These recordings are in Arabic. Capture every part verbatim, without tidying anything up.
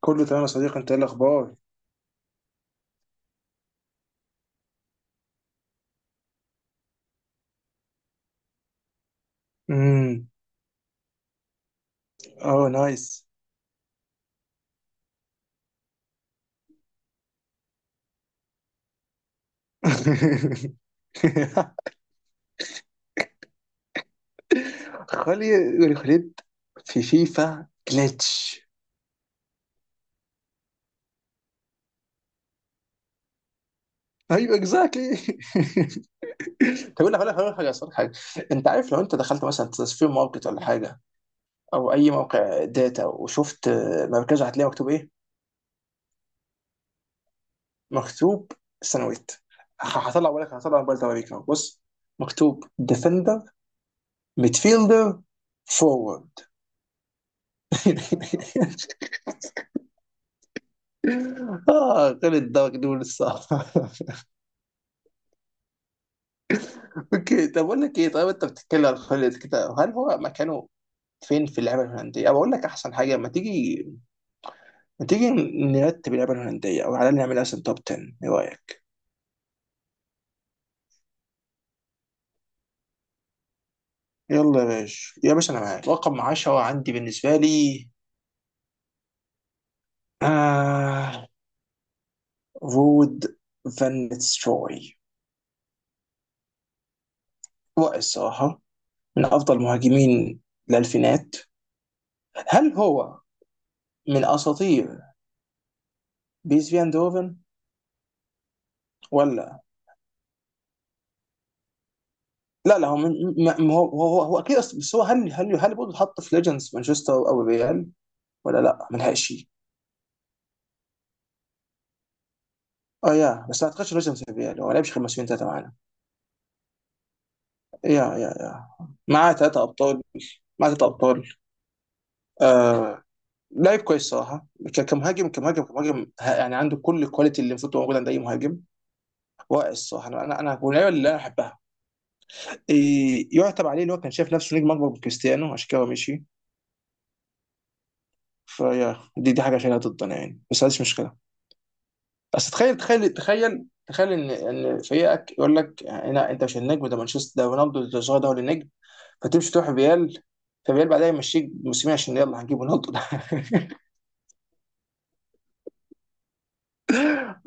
كله تمام يا صديقي، انت ايه الاخبار؟ امم اه، نايس. خلي خليت في فيفا جلitch. ايوه اكزاكتلي. طب اقول لك اقول لك اقول لك حاجه، أصل حاجه. انت عارف لو انت دخلت مثلا تصفير ماركت ولا حاجه او اي موقع داتا وشفت آه، مركزه، هتلاقي مكتوب ايه؟ مكتوب سنويت. ه- هطلع اقول لك، هطلع موبايل ده اوريك اهو. بص، مكتوب ديفندر، ميدفيلدر، فورورد. اه، خالد ده مجنون الصراحه. اوكي، طب اقول لك ايه، طيب انت بتتكلم عن خالد كده، هل هو مكانه فين في اللعبه الهولنديه؟ او اقول لك احسن حاجه، ما تيجي ما تيجي نرتب اللعبه الهولنديه او على الأقل نعمل مثلا توب عشرة. ايه رايك؟ يلا يا باشا يا باشا، انا معاك. رقم عشرة عندي بالنسبه لي آه رود فان نيتستروي. رائع الصراحه، من افضل مهاجمين الالفينات. هل هو من اساطير بيس فيان دوفن؟ ولا لا لا، هو م- م- ما هو هو هو هو اكيد أص- بس هو هل هل هل برضه اتحط في ليجندز مانشستر او الريال ولا لا ما لحقش؟ اه، يا بس ما اعتقدش ليجندز في الريال، هو ما لعبش غير موسمين ثلاثه معانا. يا يا يا معاه ثلاثه ابطال، معاه ثلاثه ابطال. آه، لعيب كويس صراحه. ك- كمهاجم كمهاجم كمهاجم ه- يعني عنده كل الكواليتي اللي المفروض تبقى موجوده عند اي مهاجم. واقع الصراحه، انا انا انا واللعيبه اللي انا احبها إيه، يعتب عليه اللي هو كان شايف نفسه نجم اكبر من كريستيانو، عشان كده هو مشي. فيا دي دي حاجه شايلها ضدنا يعني، بس هذه مش مشكله. بس تخيل تخيل تخيل تخيل ان ان فريقك يقول لك لا، انت مش النجم، ده مانشستر ده، رونالدو الظاهر ده هو اللي النجم. فتمشي تروح ريال، فريال بعدها يمشيك موسمين عشان يلا هنجيب رونالدو ده.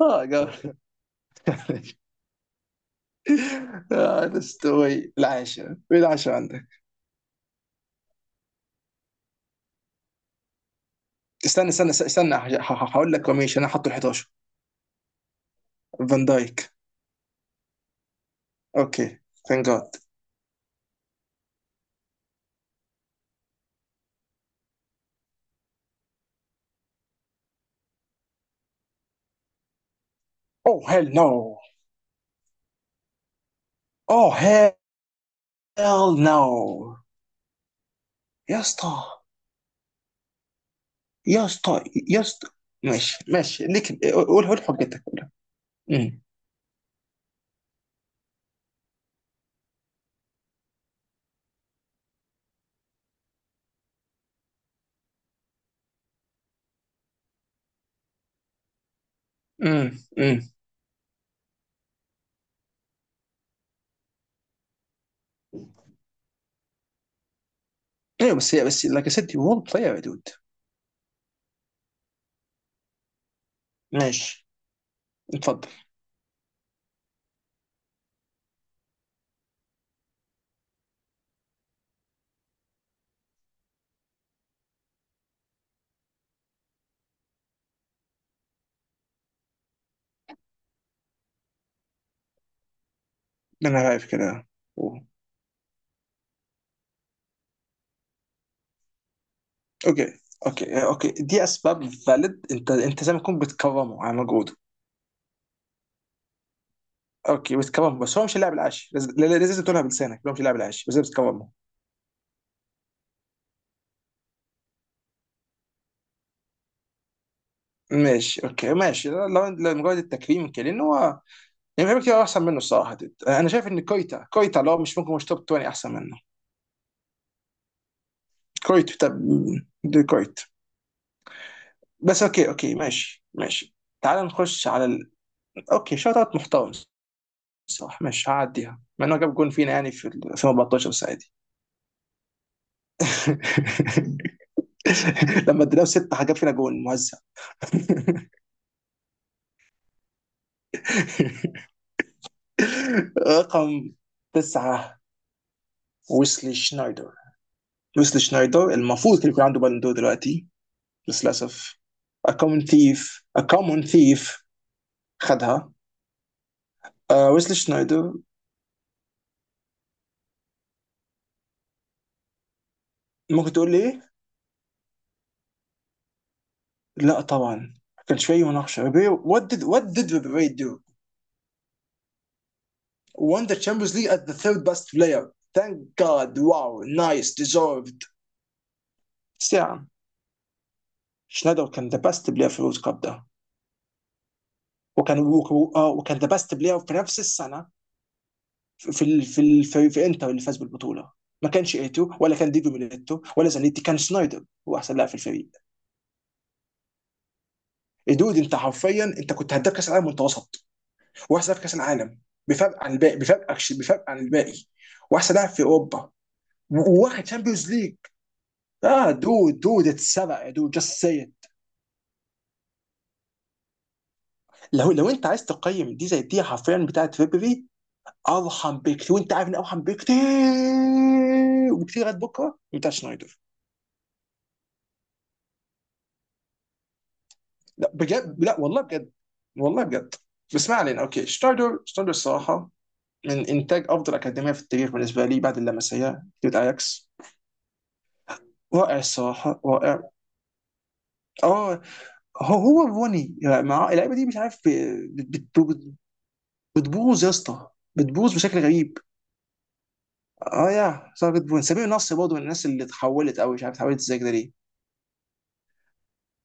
اه، جاب. ده استوي العاشرة؟ ايه العاشرة عندك؟ استنى استنى استنى, استنى. ه- ه- هقول لك وميش انا حاطه ال احدعشر فان دايك. اوكي، ثانك جاد. اوه هيل نو. اوه هيل نو. يا اسطى يا اسطى يا اسطى. ماشي ماشي ليك، قول، قول حجتك قولها. امم امم امم. ايوه، بس هي بس لاكازيت وول بلاير يا دود. ماشي، اتفضل. انا عارف كده. أوه. اوكي، اوكي اوكي دي اسباب فاليد. انت انت زي ما تكون بتكرمه على مجهوده. اوكي بتكرمه، بس هو مش اللاعب العاشي، لازم لا- لا- لازم تقولها بلسانك، هو مش اللاعب العاشي، بس بتكرمه. ماشي اوكي، ماشي، لو لو مجرد التكريم كده، لان هو يعني في حاجات كتير احسن منه الصراحه دود. انا شايف ان كويتا، كويتا لو مش ممكن مش توب عشرين احسن منه. كويت؟ طب دي كويت. بس اوكي اوكي، ماشي ماشي. تعال نخش على ال... اوكي، شوت اوت محترم. صح، ماشي، هعديها مع انه جاب جون فينا يعني في ال- الفين واربعتاشر، بس عادي. لما اديناه ستة جاب فينا جون موزع. رقم تسعة، ويسلي شنايدر. ويسلي شنايدر المفروض كان يكون عنده بالون دور دلوقتي، بس للأسف A common thief. A common thief. خدها. آه، ويسلي شنايدر. ممكن تقول لي ايه؟ لا طبعا، كان شويه مناقشه ريبيري. What did what did Ribery do? Won the Champions League as the third best player. Thank God, wow, nice, deserved. ساعة، شنايدر كان the best player في الورد كاب ده، وكان آه، وكان the best player في نفس السنه في ال- في ال- في, في انتر اللي فاز بالبطوله. ما كانش ايتو ولا كان ديجو ميليتو ولا زانيتي، كان شنايدر هو احسن لاعب في الفريق. الدود انت حرفيا انت كنت هداف كاس العالم وانت وسط، واحسن لاعب في كاس العالم، بفرق عن الباقي، بفرق أكش- بفرق عن الباقي، واحسن لاعب في اوروبا، وواخد شامبيونز ليج. اه دود، دود اتسرق يا دود، جاست سي ات. لو لو انت عايز تقيم دي زي دي حرفيا بتاعت فيبري، ارحم بكتير وانت عارف ان ارحم بكتير، وكتير لغايه بكره بتاع شنايدر. لا بجد، لا والله بجد. والله بجد. بس ما علينا. اوكي شنايدر، شنايدر الصراحه من انتاج افضل اكاديميه في التاريخ بالنسبه لي بعد اللمسيه ضد اياكس. رائع الصراحه رائع. اه، هو هو روني مع اللعيبه دي مش عارف بتبوظ يا اسطى، بتبوظ بشكل غريب. اه يا صار بتبوظ. سمير نصر برضه من الناس اللي اتحولت قوي، مش عارف اتحولت ازاي كده ليه.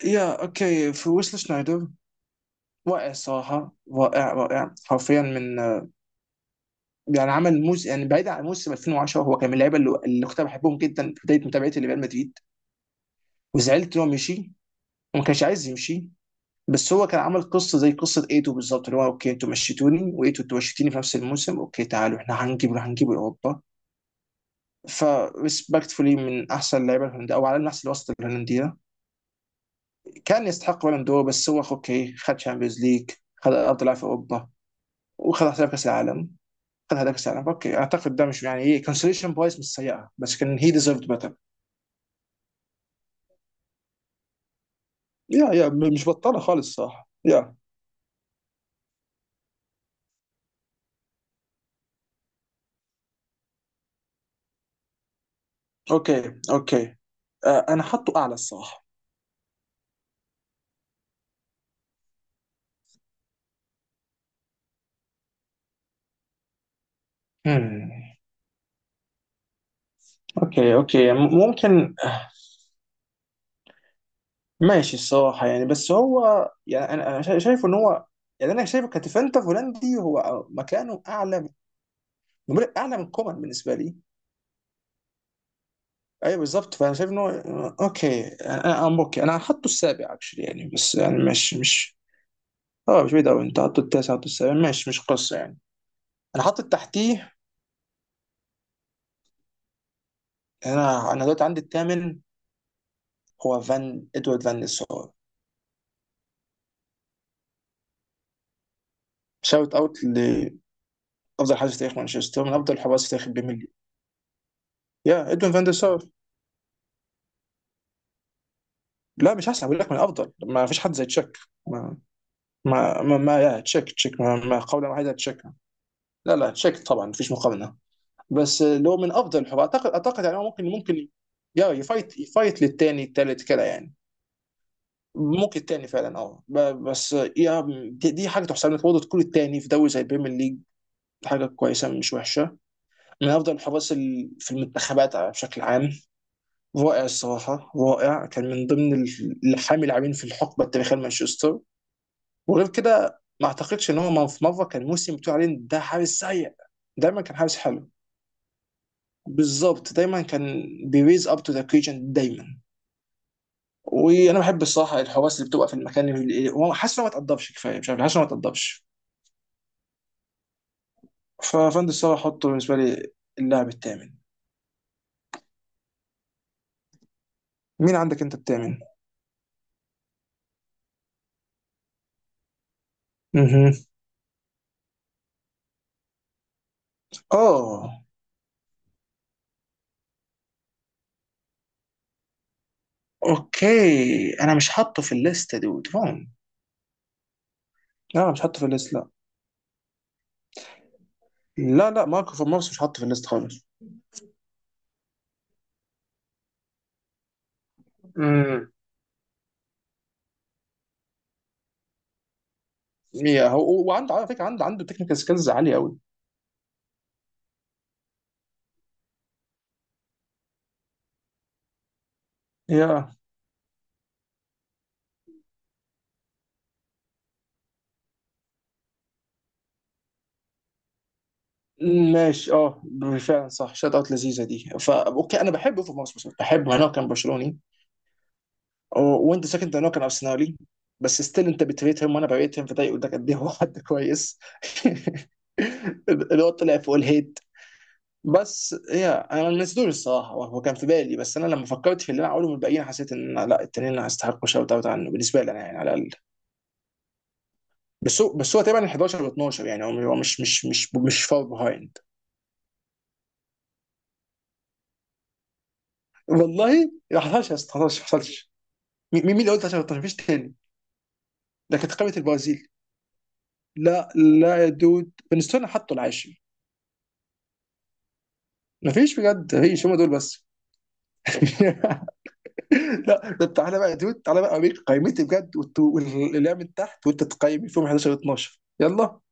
يا اوكي، في ويسل شنايدر، واقع الصراحه رائع، رائع حرفيا من آه، يعني عمل موس، يعني بعيد عن موسم الفين وعشرة، هو كان من اللعيبه اللي, اللي كنت بحبهم جدا في بدايه متابعتي لريال مدريد. وزعلت ان هو مشي وما كانش عايز يمشي، بس هو كان عمل قصه زي قصه ايتو بالظبط، اللي هو اوكي انتوا مشيتوني، وايتو انتوا مشيتيني في نفس الموسم، اوكي تعالوا احنا هنجيبه هنجيبه لاوروبا. فريسبكتفولي من احسن اللعيبه الهولنديه او على الاقل من احسن الوسط الهولنديه. كان يستحق بالون دور، بس هو اوكي خد شامبيونز ليج، خد افضل لاعب في اوروبا، وخد هداف كاس العالم، خد هداف كاس العالم. اوكي اعتقد ده مش يعني ايه كونسوليشن برايس مش سيئه، بس كان هي ديزيرفد بيتر. يا يا مش بطاله خالص، صح يا. اوكي اوكي، آه انا حاطه اعلى الصراحه. مم. اوكي اوكي، م- ممكن. ماشي الصراحه يعني، بس هو يعني انا أنا شا- شايف ان هو يعني انا شايفه كديفندر هولندي هو مكانه اعلى. نمرق اعلى من كومان بالنسبه لي. ايوه بالظبط، فانا شايف ان هو اوكي، انا ام اوكي انا هحطه السابع اكشلي يعني، بس يعني مش مش اه، مش بعيد قوي، انت حاطه التاسع، حاطه السابع ماشي، مش قصه يعني. انا حاطط تحتيه. انا انا دلوقتي عندي الثامن، هو فان ادوارد فان نيسار. شاوت اوت لافضل حارس في تاريخ مانشستر، من افضل الحراس في تاريخ البريمير ليج. يا ادوارد فان نيسار. لا مش احسن، بقول لك من افضل، ما فيش حد زي تشيك. ما ما ما, ما يا تشيك، تشيك ما, ما قولا واحدا تشيك. لا لا، تشيك طبعا مفيش مقارنه، بس اللي هو من افضل الحروب اعتقد، اعتقد يعني هو ممكن ممكن يا يفايت، يفايت للتاني التالت كده يعني. ممكن التاني فعلا اه، ب- بس يا دي, دي حاجه تحسب لك برضه تكون التاني في دوري زي البريمير ليج، حاجه كويسه مش وحشه. من افضل الحراس ال- في المنتخبات بشكل عام. رائع الصراحه، رائع. كان من ضمن ال- الحامي لاعبين في الحقبه التاريخيه لمانشستر. وغير كده، ما اعتقدش ان هو في مره كان موسم بتقول عليه إن ده حارس سيء. دايما كان حارس حلو. بالظبط دايما كان بيريز اب تو ذا اوكيجن دايما. وانا بحب الصراحه الحواس اللي بتبقى في المكان اللي هو حاسس انه ما تقدرش كفايه، مش عارف، حاسس انه ما تقدرش. ففند الصراحه، حطه بالنسبه لي اللاعب الثامن. مين عندك انت الثامن؟ اها. اه. اوكي انا مش حاطه في الليست دود، فاهم؟ لا مش حاطه في الليست، لا. لا لا ماركو فان مارس مش حاطه في الليست خالص. امم. يا، هو وعنده على فكره، عنده عنده تكنيكال سكيلز عاليه قوي. يا ماشي اه. فعلا صح، شوت اوت لذيذه دي. فا اوكي، انا بحب اوفر مارس، بس بحبه انا كان برشلوني، و- وانت ساكن ده هنا كان ارسنالي، بس ستيل انت بتريتهم وانا بريتهم، فده يقول لك قد ايه هو حد كويس. اللي هو طلع فوق الهيت. بس هي انا ما نسيتوش الصراحه، هو كان في بالي، بس انا لما فكرت في اللي انا اقوله من الباقيين، حسيت ان لا التانيين هيستحقوا شوت اوت عنه بالنسبه لي انا يعني على الاقل. بس هو بس هو تقريبا حداشر و اثنا عشر يعني، هو هو مش مش مش مش فار بيهايند. والله ما حصلش ما حصلش ما حصلش. مين مين اللي قلت عشان تلتاشر؟ مفيش تاني. ده كانت قائمه البرازيل. لا لا يا دود، بنستون حطوا العاشر. مفيش بجد، مفيش، هم دول بس. لا طب تعالى بقى يا دود، تعالى بقى اوريك قائمتي بجد. واللعب من تحت وانت تقيمي فيهم احدعشر و اتناشر. يلا.